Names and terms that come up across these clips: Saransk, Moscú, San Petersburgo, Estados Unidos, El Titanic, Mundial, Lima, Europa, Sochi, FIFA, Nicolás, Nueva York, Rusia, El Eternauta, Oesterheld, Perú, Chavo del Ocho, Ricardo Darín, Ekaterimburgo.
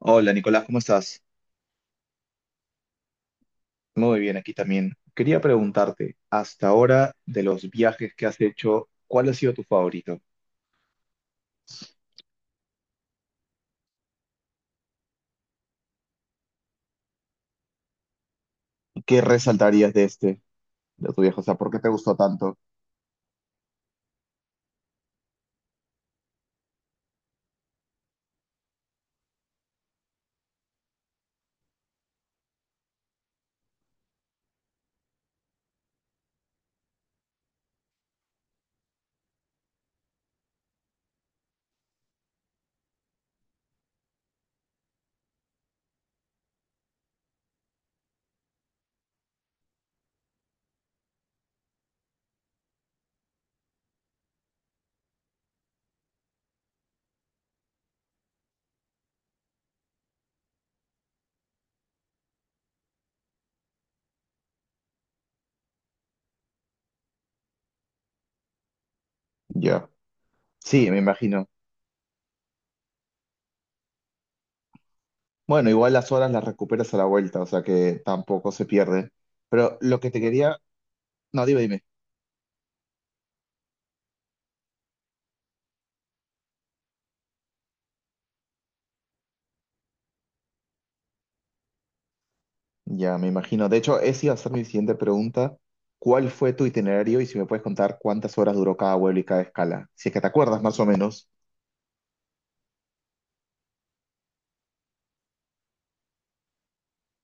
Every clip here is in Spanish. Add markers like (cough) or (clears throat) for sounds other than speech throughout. Hola Nicolás, ¿cómo estás? Muy bien, aquí también. Quería preguntarte, hasta ahora de los viajes que has hecho, ¿cuál ha sido tu favorito? ¿Qué resaltarías de este, de tu viaje? O sea, ¿por qué te gustó tanto? Ya. Sí, me imagino. Bueno, igual las horas las recuperas a la vuelta, o sea que tampoco se pierde. Pero lo que te quería... No, dime. Ya, me imagino. De hecho, esa iba a ser mi siguiente pregunta. ¿Cuál fue tu itinerario y si me puedes contar cuántas horas duró cada vuelo y cada escala? Si es que te acuerdas más o menos.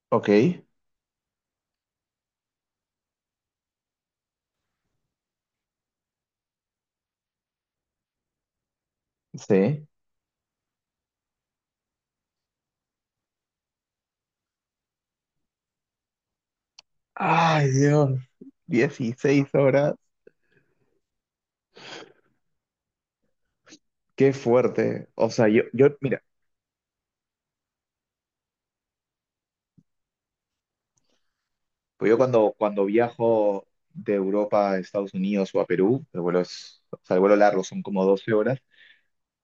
Ok, sí. Ay, Dios, 16 horas, qué fuerte. O sea, yo, mira, pues yo cuando viajo de Europa a Estados Unidos o a Perú, el vuelo es, o sea, el vuelo largo son como 12 horas,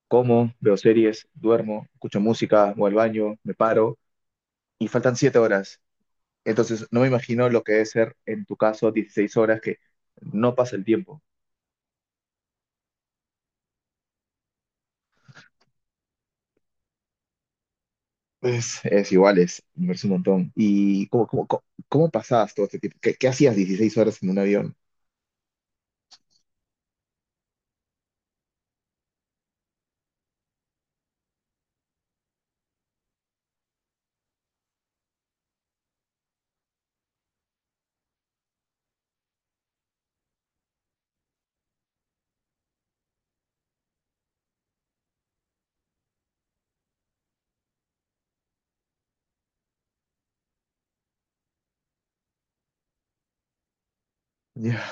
como, veo series, duermo, escucho música, voy al baño, me paro y faltan 7 horas. Entonces, no me imagino lo que debe ser en tu caso 16 horas que no pasa el tiempo. Es igual, es, me parece un montón. ¿Y cómo pasabas todo este tiempo? ¿Qué, qué hacías 16 horas en un avión? Ya,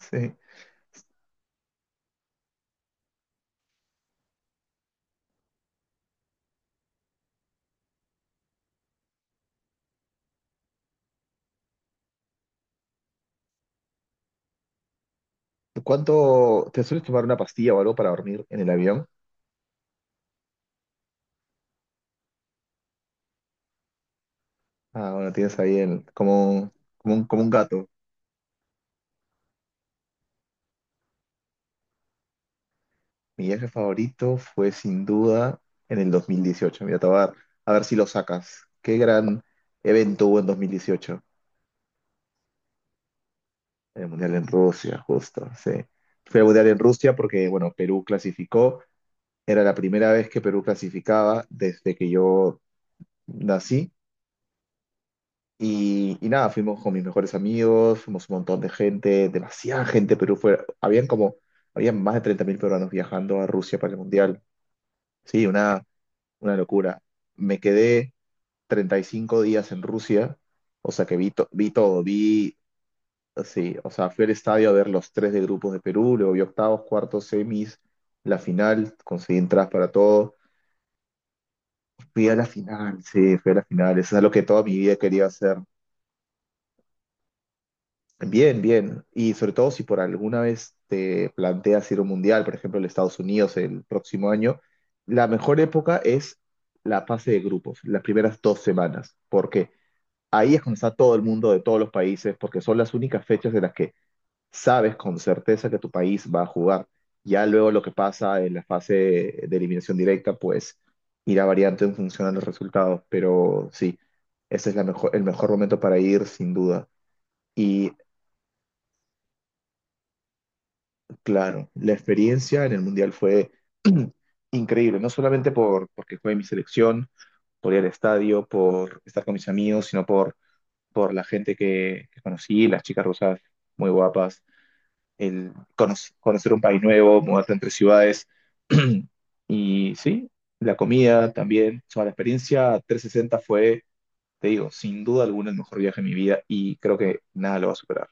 (laughs) sí. ¿Cuánto te sueles tomar una pastilla o algo para dormir en el avión? Ah, bueno, tienes ahí el, como, un- como un, como un gato. Mi viaje favorito fue sin duda en el 2018. Mira, te voy a dar- a ver si lo sacas. Qué gran evento hubo en 2018. El Mundial en Rusia, justo, sí. Fue el Mundial en Rusia porque, bueno, Perú clasificó. Era la primera vez que Perú clasificaba desde que yo nací. Y nada, fuimos con mis mejores amigos, fuimos un montón de gente, demasiada gente, Perú fue, habían como, habían más de 30 000 peruanos viajando a Rusia para el Mundial. Sí, una locura. Me quedé 35 días en Rusia, o sea que vi, to- vi todo, vi, sí, o sea, fui al estadio a ver los tres de grupos de Perú, luego vi octavos, cuartos, semis, la final, conseguí entradas para todo. Fui a la final, sí, fui a la final, eso es lo que toda mi vida quería hacer. Bien, bien. Y sobre todo si por alguna vez te planteas ir a un mundial, por ejemplo, en Estados Unidos el próximo año, la mejor época es la fase de grupos, las primeras dos semanas, porque ahí es cuando está todo el mundo de todos los países, porque son las únicas fechas en las que sabes con certeza que tu país va a jugar. Ya luego lo que pasa en la fase de eliminación directa, pues irá variando en función a los resultados, pero sí, ese es la mejor, el mejor momento para ir, sin duda. Y claro, la experiencia en el Mundial fue (clears throat) increíble, no solamente por, porque jugué en mi selección, por ir al estadio, por estar con mis amigos, sino por la gente que conocí, las chicas rusas muy guapas, el cono- conocer un país nuevo, mudarte entre ciudades. (clears throat) Y sí, la comida también. O sea, la experiencia 360 fue, te digo, sin duda alguna el mejor viaje de mi vida y creo que nada lo va a superar.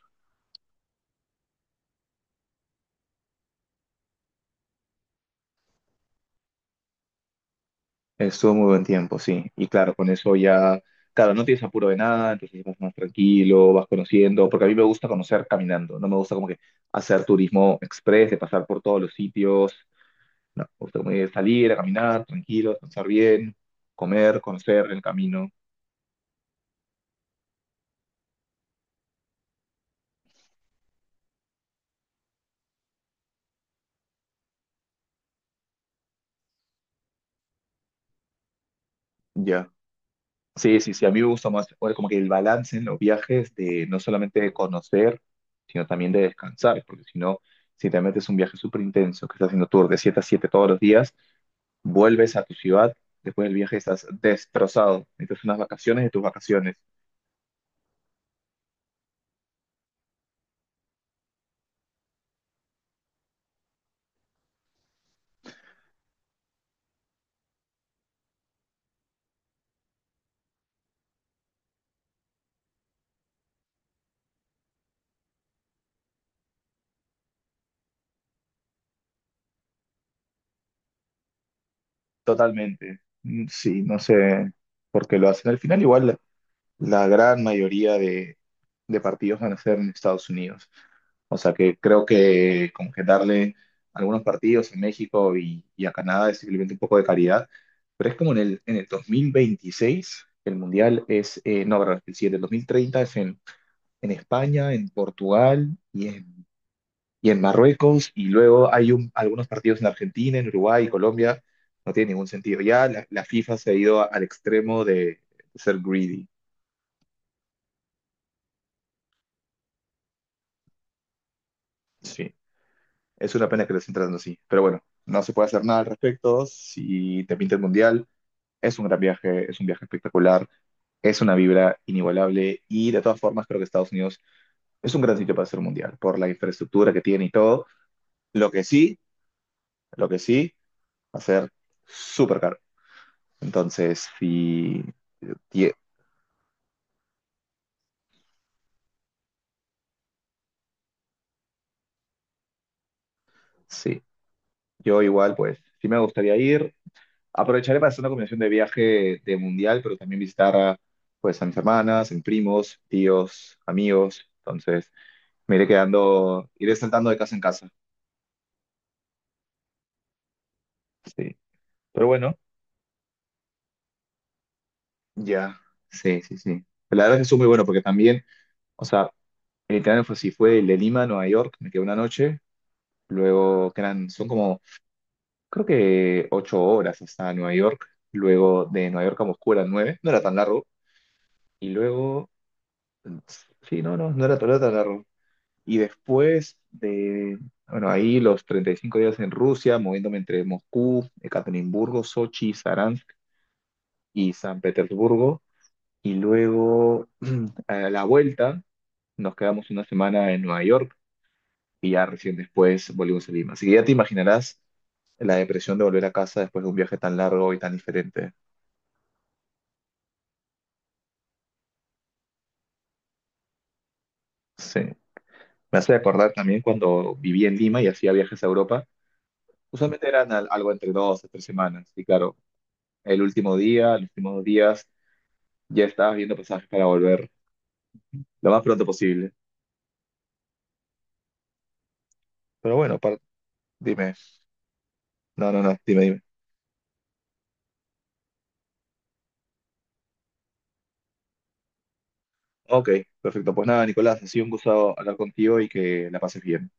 Estuvo muy buen tiempo, sí. Y claro, con eso ya, claro, no tienes apuro de nada, entonces vas más tranquilo, vas conociendo, porque a mí me gusta conocer caminando, no me gusta como que hacer turismo express, de pasar por todos los sitios, no, me gusta como que salir a caminar tranquilo, descansar bien, comer, conocer en el camino, ya. Sí, a mí me gusta más, bueno, como que el balance en los viajes de no solamente de conocer, sino también de descansar, porque si no, si te metes un viaje súper intenso, que estás haciendo tour de 7 a 7 todos los días, vuelves a tu ciudad, después del viaje estás destrozado. Necesitas unas vacaciones de tus vacaciones. Totalmente. Sí, no sé por qué lo hacen. Al final, igual, la gran mayoría de partidos van a ser en Estados Unidos. O sea que creo que como que darle algunos partidos en México y a Canadá es simplemente un poco de caridad. Pero es como en el 2026 el Mundial es, no, perdón, el siguiente, el 2030 es en España, en Portugal y en Marruecos, y luego hay un- algunos partidos en Argentina, en Uruguay y Colombia, no tiene ningún sentido. Ya la FIFA se ha ido a- al extremo de ser greedy. Sí, es una pena que lo estén tratando así, pero bueno, no se puede hacer nada al respecto. Si te pinta el mundial, es un gran viaje, es un viaje espectacular, es una vibra inigualable y de todas formas creo que Estados Unidos es un gran sitio para hacer un mundial, por la infraestructura que tiene y todo. Lo que sí, lo que sí, va a ser súper caro. Entonces, sí, tie- sí, yo igual, pues, sí me gustaría ir. Aprovecharé para hacer una combinación de viaje de mundial, pero también visitar a, pues, a mis hermanas, a mis primos, tíos, amigos. Entonces, me iré quedando, iré saltando de casa en casa. Sí. Pero bueno, ya. Sí. La verdad es que estuvo muy bueno porque también, o sea, el itinerario fue así, fue el de Lima a Nueva York, me quedé una noche, luego que eran, son como creo que ocho horas hasta Nueva York, luego de Nueva York a Moscú eran nueve, no era tan largo, y luego, sí, no era, no era tan largo. Y después de, bueno, ahí los 35 días en Rusia, moviéndome entre Moscú, Ekaterimburgo, Sochi, Saransk y San Petersburgo, y luego (clears throat) a la vuelta nos quedamos una semana en Nueva York y ya recién después volvimos a Lima. Así que ya te imaginarás la depresión de volver a casa después de un viaje tan largo y tan diferente. Sí, me hace acordar también cuando vivía en Lima y hacía viajes a Europa. Usualmente eran al- algo entre dos a tres semanas. Y claro, el último día, los últimos dos días, ya estabas viendo pasajes para volver lo más pronto posible. Pero bueno, par- dime. No, dime, dime. Ok, perfecto. Pues nada, Nicolás, ha sido un gusto hablar contigo y que la pases bien.